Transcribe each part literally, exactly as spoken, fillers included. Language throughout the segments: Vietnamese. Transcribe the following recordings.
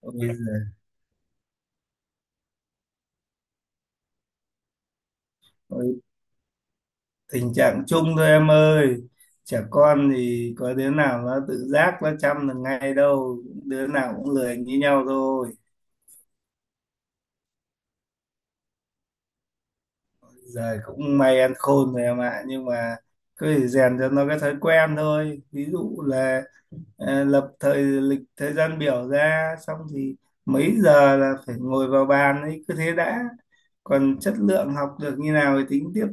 Ok. Ôi, dạ. Giời, tình trạng chung thôi em ơi. Trẻ con thì có đứa nào nó tự giác nó chăm được ngay đâu, đứa nào cũng lười như nhau thôi. Giờ cũng may ăn khôn rồi em ạ, nhưng mà cứ phải rèn cho nó cái thói quen thôi. Ví dụ là ờ, lập thời lịch thời gian biểu ra, xong thì mấy giờ là phải ngồi vào bàn ấy, cứ thế đã. Còn chất lượng học được như nào thì tính tiếp,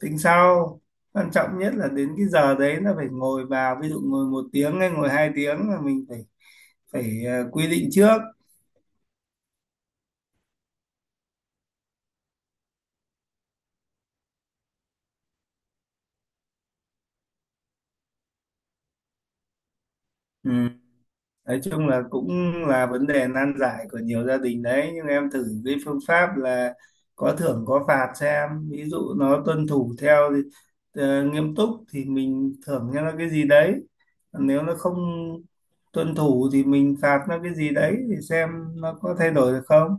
tính sau. Quan trọng nhất là đến cái giờ đấy là phải ngồi vào, ví dụ ngồi một tiếng hay ngồi hai tiếng là mình phải phải ờ, quy định trước. Ừ. Nói chung là cũng là vấn đề nan giải của nhiều gia đình đấy, nhưng em thử cái phương pháp là có thưởng có phạt xem. Ví dụ nó tuân thủ theo thì ờ, nghiêm túc, thì mình thưởng cho nó cái gì đấy. Còn nếu nó không tuân thủ thì mình phạt nó cái gì đấy, thì xem nó có thay đổi được không.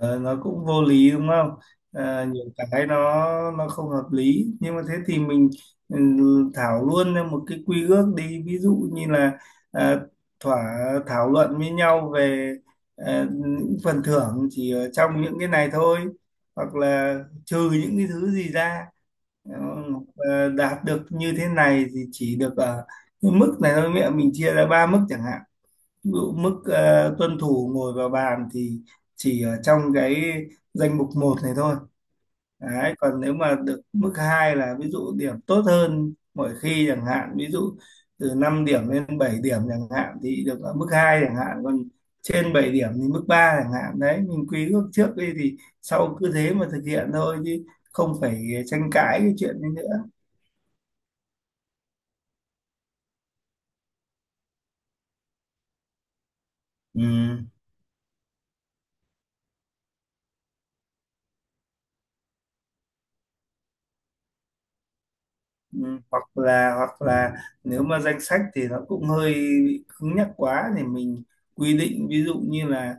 Ờ, nó cũng vô lý đúng không? Ờ. Ừ. Nhiều cái nó nó không hợp lý, nhưng mà thế thì mình ừ, thảo luôn ra một cái quy ước đi, ví dụ như là à, thỏa thảo luận với nhau về ờ, những phần thưởng chỉ ở trong những cái này thôi, hoặc là trừ những cái thứ gì ra. Ờ, ờ, đạt được như thế này thì chỉ được ở cái mức này thôi. Mẹ mình chia ra ba mức chẳng hạn. Ví dụ mức ờ, tuân thủ ngồi vào bàn thì chỉ ở trong cái danh mục một này thôi. Đấy, còn nếu mà được mức hai là ví dụ điểm tốt hơn mỗi khi chẳng hạn, ví dụ từ năm điểm lên bảy điểm chẳng hạn thì được ở mức hai chẳng hạn. Còn trên bảy điểm thì mức ba chẳng hạn. Đấy, mình quy ước trước đi thì sau cứ thế mà thực hiện thôi, chứ không phải tranh cãi cái chuyện đấy nữa. Ừ. Ừ, hoặc là hoặc là nếu mà danh sách thì nó cũng hơi bị cứng nhắc quá, thì mình quy định ví dụ như là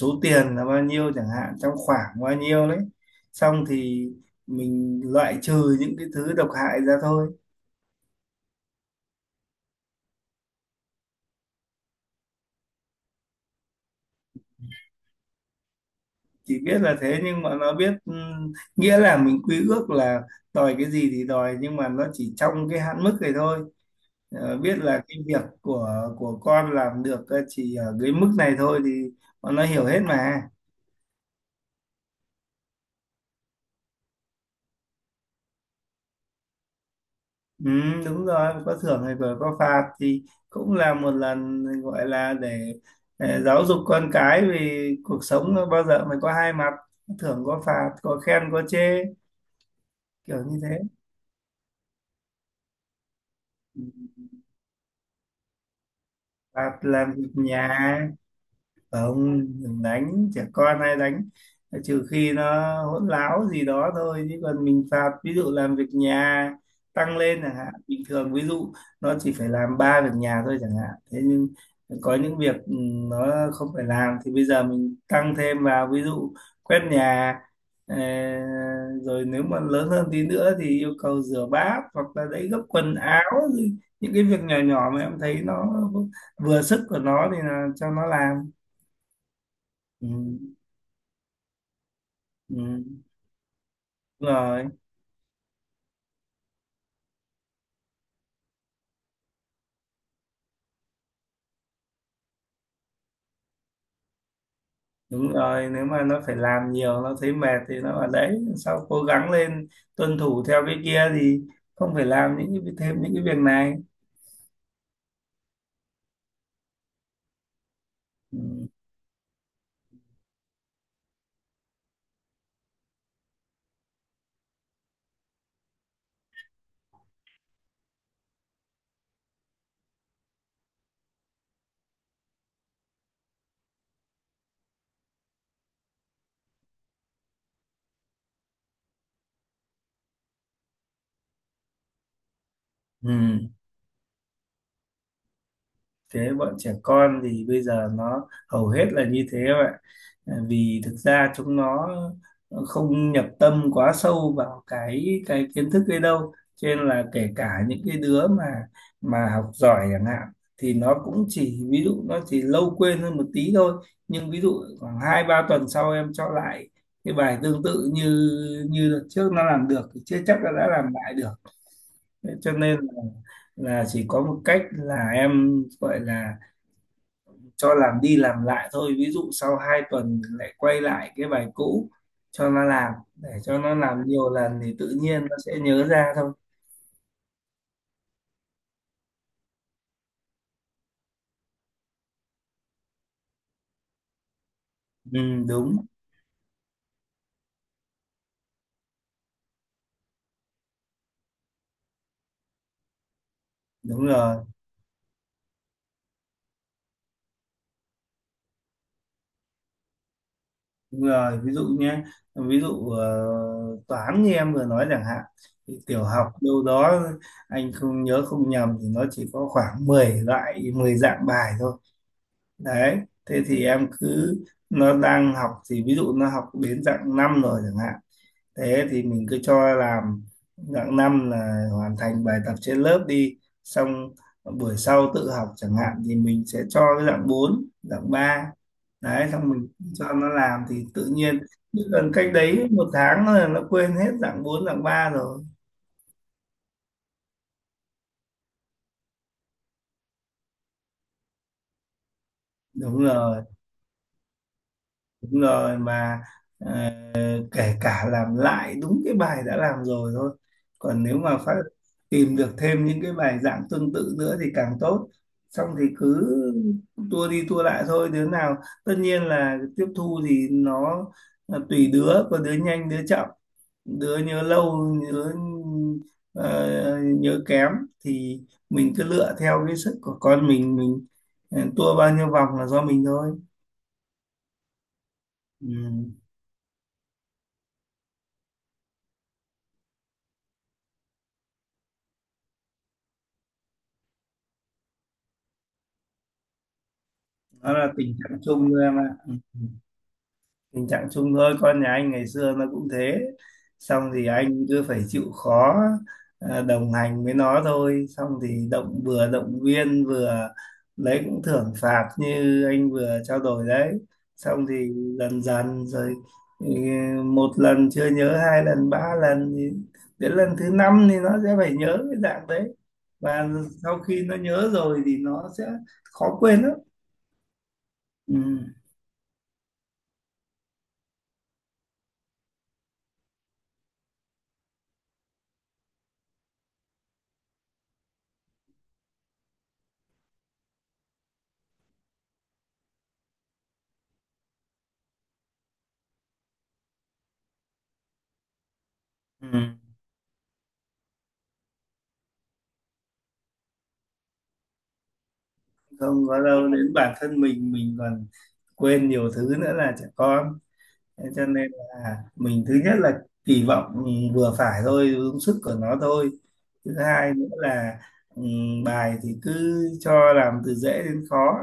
số tiền là bao nhiêu chẳng hạn, trong khoảng bao nhiêu đấy, xong thì mình loại trừ những cái thứ độc hại ra thôi. Chỉ biết là thế, nhưng mà nó biết ừ, nghĩa là mình quy ước là đòi cái gì thì đòi, nhưng mà nó chỉ trong cái hạn mức này thôi. Ờ, biết là cái việc của của con làm được ờ, chỉ ở cái mức này thôi, thì bọn nó hiểu hết mà. Ừ, đúng rồi, có thưởng hay vừa có phạt thì cũng là một lần gọi là để, để giáo dục con cái, vì cuộc sống nó bao giờ mới có hai mặt, có thưởng có phạt, có khen có chê, kiểu như thế. Phạt làm việc nhà, không, đừng đánh trẻ con, hay đánh ờ, trừ khi nó hỗn láo gì đó thôi, chứ còn mình phạt ví dụ làm việc nhà tăng lên chẳng hạn. Bình thường ví dụ nó chỉ phải làm ba việc nhà thôi chẳng hạn, thế nhưng có những việc ừ, nó không phải làm thì bây giờ mình tăng thêm vào, ví dụ quét nhà, ờ, rồi nếu mà lớn hơn tí nữa thì yêu cầu rửa bát, hoặc là đấy, gấp quần áo, những cái việc nhỏ nhỏ mà em thấy nó vừa sức của nó thì là cho nó làm. Ừ. Ừ, đúng rồi, đúng rồi, nếu mà nó phải làm nhiều nó thấy mệt thì nó ở đấy sau cố gắng lên, tuân thủ theo cái kia thì không phải làm những cái thêm những cái việc này. Ừ. Ừ, thế bọn trẻ con thì bây giờ nó hầu hết là như thế các bạn. À, vì thực ra chúng nó không nhập tâm quá sâu vào cái cái kiến thức ấy đâu, cho nên là kể cả những cái đứa mà mà học giỏi chẳng hạn thì nó cũng chỉ, ví dụ nó chỉ lâu quên hơn một tí thôi. Nhưng ví dụ khoảng hai ba tuần sau em cho lại cái bài tương tự như như đợt trước nó làm được, thì chưa chắc là đã làm lại được. Thế cho nên là là chỉ có một cách là em gọi là cho làm đi làm lại thôi, ví dụ sau hai tuần lại quay lại cái bài cũ cho nó làm, để cho nó làm nhiều lần thì tự nhiên nó sẽ nhớ ra thôi. Ừ, đúng đúng rồi, đúng rồi ví dụ nhé, ví dụ ờ, toán như em vừa nói chẳng hạn, thì tiểu học đâu đó anh không nhớ không nhầm thì nó chỉ có khoảng mười loại, mười dạng bài thôi đấy. Thế thì em cứ, nó đang học thì ví dụ nó học đến dạng năm rồi chẳng hạn, thế thì mình cứ cho làm dạng năm là hoàn thành bài tập trên lớp đi, xong buổi sau tự học chẳng hạn thì mình sẽ cho cái dạng bốn, dạng ba. Đấy, xong mình cho nó làm thì tự nhiên, chứ còn cách đấy một tháng là nó quên hết dạng bốn, dạng ba rồi. Đúng rồi, đúng rồi mà à, kể cả làm lại đúng cái bài đã làm rồi thôi, còn nếu mà phát tìm được thêm những cái bài giảng tương tự nữa thì càng tốt, xong thì cứ tua đi tua lại thôi. Đứa nào, tất nhiên là tiếp thu thì nó là tùy đứa, có đứa nhanh đứa chậm, đứa nhớ lâu, nhớ ờ, nhớ kém, thì mình cứ lựa theo cái sức của con mình. Mình ờ, tua bao nhiêu vòng là do mình thôi. Ừ. Đó là tình trạng chung thôi em ạ. Ừ, tình trạng chung thôi, con nhà anh ngày xưa nó cũng thế, xong thì anh cứ phải chịu khó à, đồng hành với nó thôi. Xong thì động vừa động viên vừa lấy cũng thưởng phạt như anh vừa trao đổi đấy. Xong thì dần dần rồi, ừ, một lần chưa nhớ, hai lần ba lần thì đến lần thứ năm thì nó sẽ phải nhớ cái dạng đấy. Và sau khi nó nhớ rồi thì nó sẽ khó quên lắm. Ừ. Ừ, không có đâu, đến bản thân mình mình còn quên nhiều thứ nữa là trẻ con. Thế cho nên là mình, thứ nhất là kỳ vọng vừa phải thôi, đúng sức của nó thôi. Thứ hai nữa là ừm, bài thì cứ cho làm từ dễ đến khó,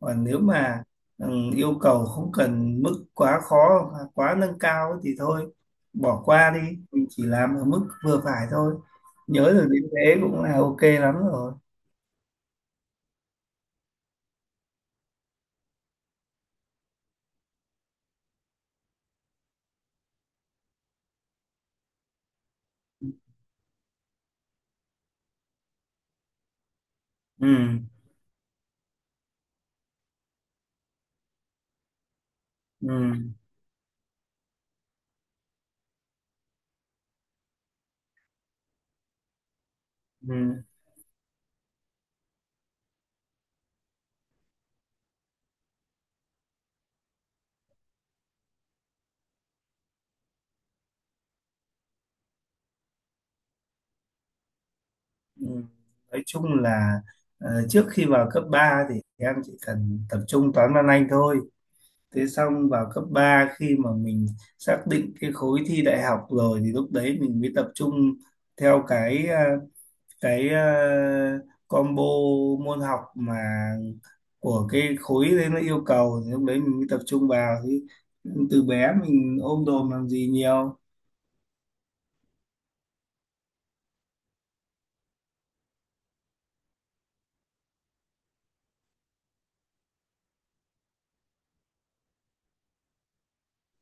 còn nếu mà ừm, yêu cầu không cần mức quá khó hoặc quá nâng cao thì thôi, bỏ qua đi. Mình chỉ làm ở mức vừa phải thôi, nhớ được đến thế cũng là ok lắm rồi. Ừ. Ừ. Ừ. Ừ, nói chung là ờ, trước khi vào cấp ba thì em chỉ cần tập trung toán văn anh thôi. Thế xong vào cấp ba, khi mà mình xác định cái khối thi đại học rồi thì lúc đấy mình mới tập trung theo cái ờ, cái ờ, combo môn học mà của cái khối đấy nó yêu cầu, thì lúc đấy mình mới tập trung vào. Thì từ bé mình ôm đồm làm gì nhiều.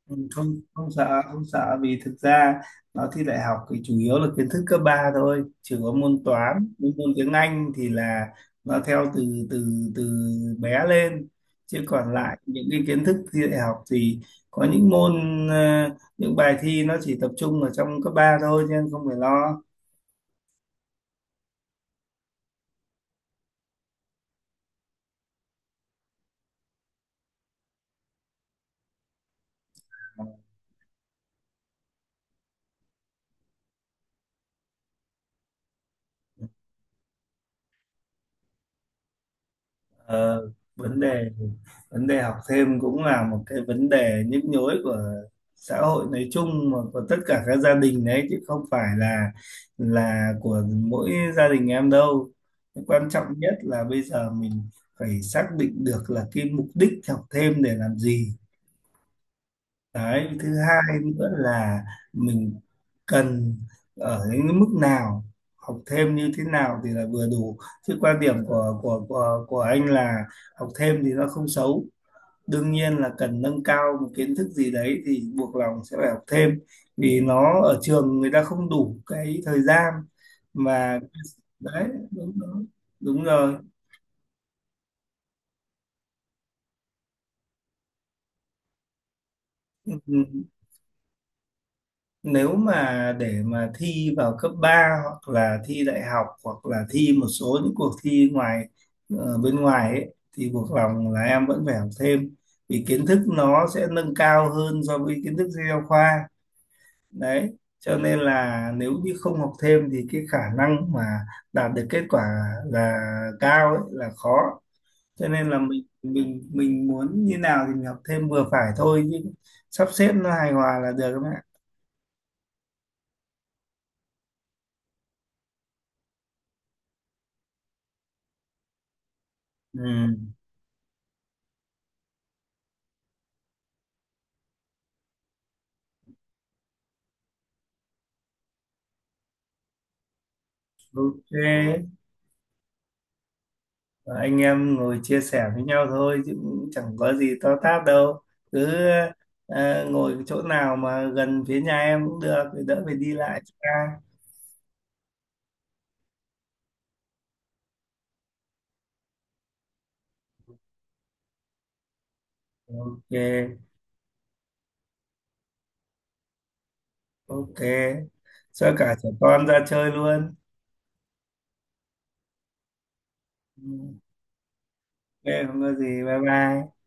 Ừ, không, không sợ, không sợ, vì thực ra nó thi đại học thì chủ yếu là kiến thức cấp ba thôi, chỉ có môn toán với môn tiếng Anh thì là nó theo từ từ từ bé lên. Chứ còn lại những cái kiến thức thi đại học thì có những môn ờ, những bài thi nó chỉ tập trung ở trong cấp ba thôi, nên không phải lo. Ờ, vấn đề, vấn đề học thêm cũng là một cái vấn đề nhức nhối của xã hội nói chung, mà của tất cả các gia đình đấy, chứ không phải là là của mỗi gia đình em đâu. Quan trọng nhất là bây giờ mình phải xác định được là cái mục đích học thêm để làm gì. Đấy, thứ hai nữa là mình cần ở những mức nào, học thêm như thế nào thì là vừa đủ. Chứ quan điểm của của của của anh là học thêm thì nó không xấu. Đương nhiên là cần nâng cao một kiến thức gì đấy thì buộc lòng sẽ phải học thêm, vì nó ở trường người ta không đủ cái thời gian mà. Đấy, đúng rồi, đúng rồi. Ừ, nếu mà để mà thi vào cấp ba, hoặc là thi đại học, hoặc là thi một số những cuộc thi ngoài, ờ, bên ngoài ấy, thì buộc lòng là em vẫn phải học thêm, vì kiến thức nó sẽ nâng cao hơn so với kiến thức sách giáo khoa. Đấy cho nên là nếu như không học thêm thì cái khả năng mà đạt được kết quả là cao ấy, là khó. Cho nên là mình mình mình muốn như nào thì mình học thêm vừa phải thôi, chứ sắp xếp nó hài hòa là được các bạn. Ừ. Ok, anh em ngồi chia sẻ với nhau thôi chứ cũng chẳng có gì to tát đâu. Cứ ờ, ngồi chỗ nào mà gần phía nhà em cũng được, để đỡ phải đi lại xa. Ok, ok. Cho cả trẻ con ra chơi luôn. Ừ, ok, không có gì. Bye bye.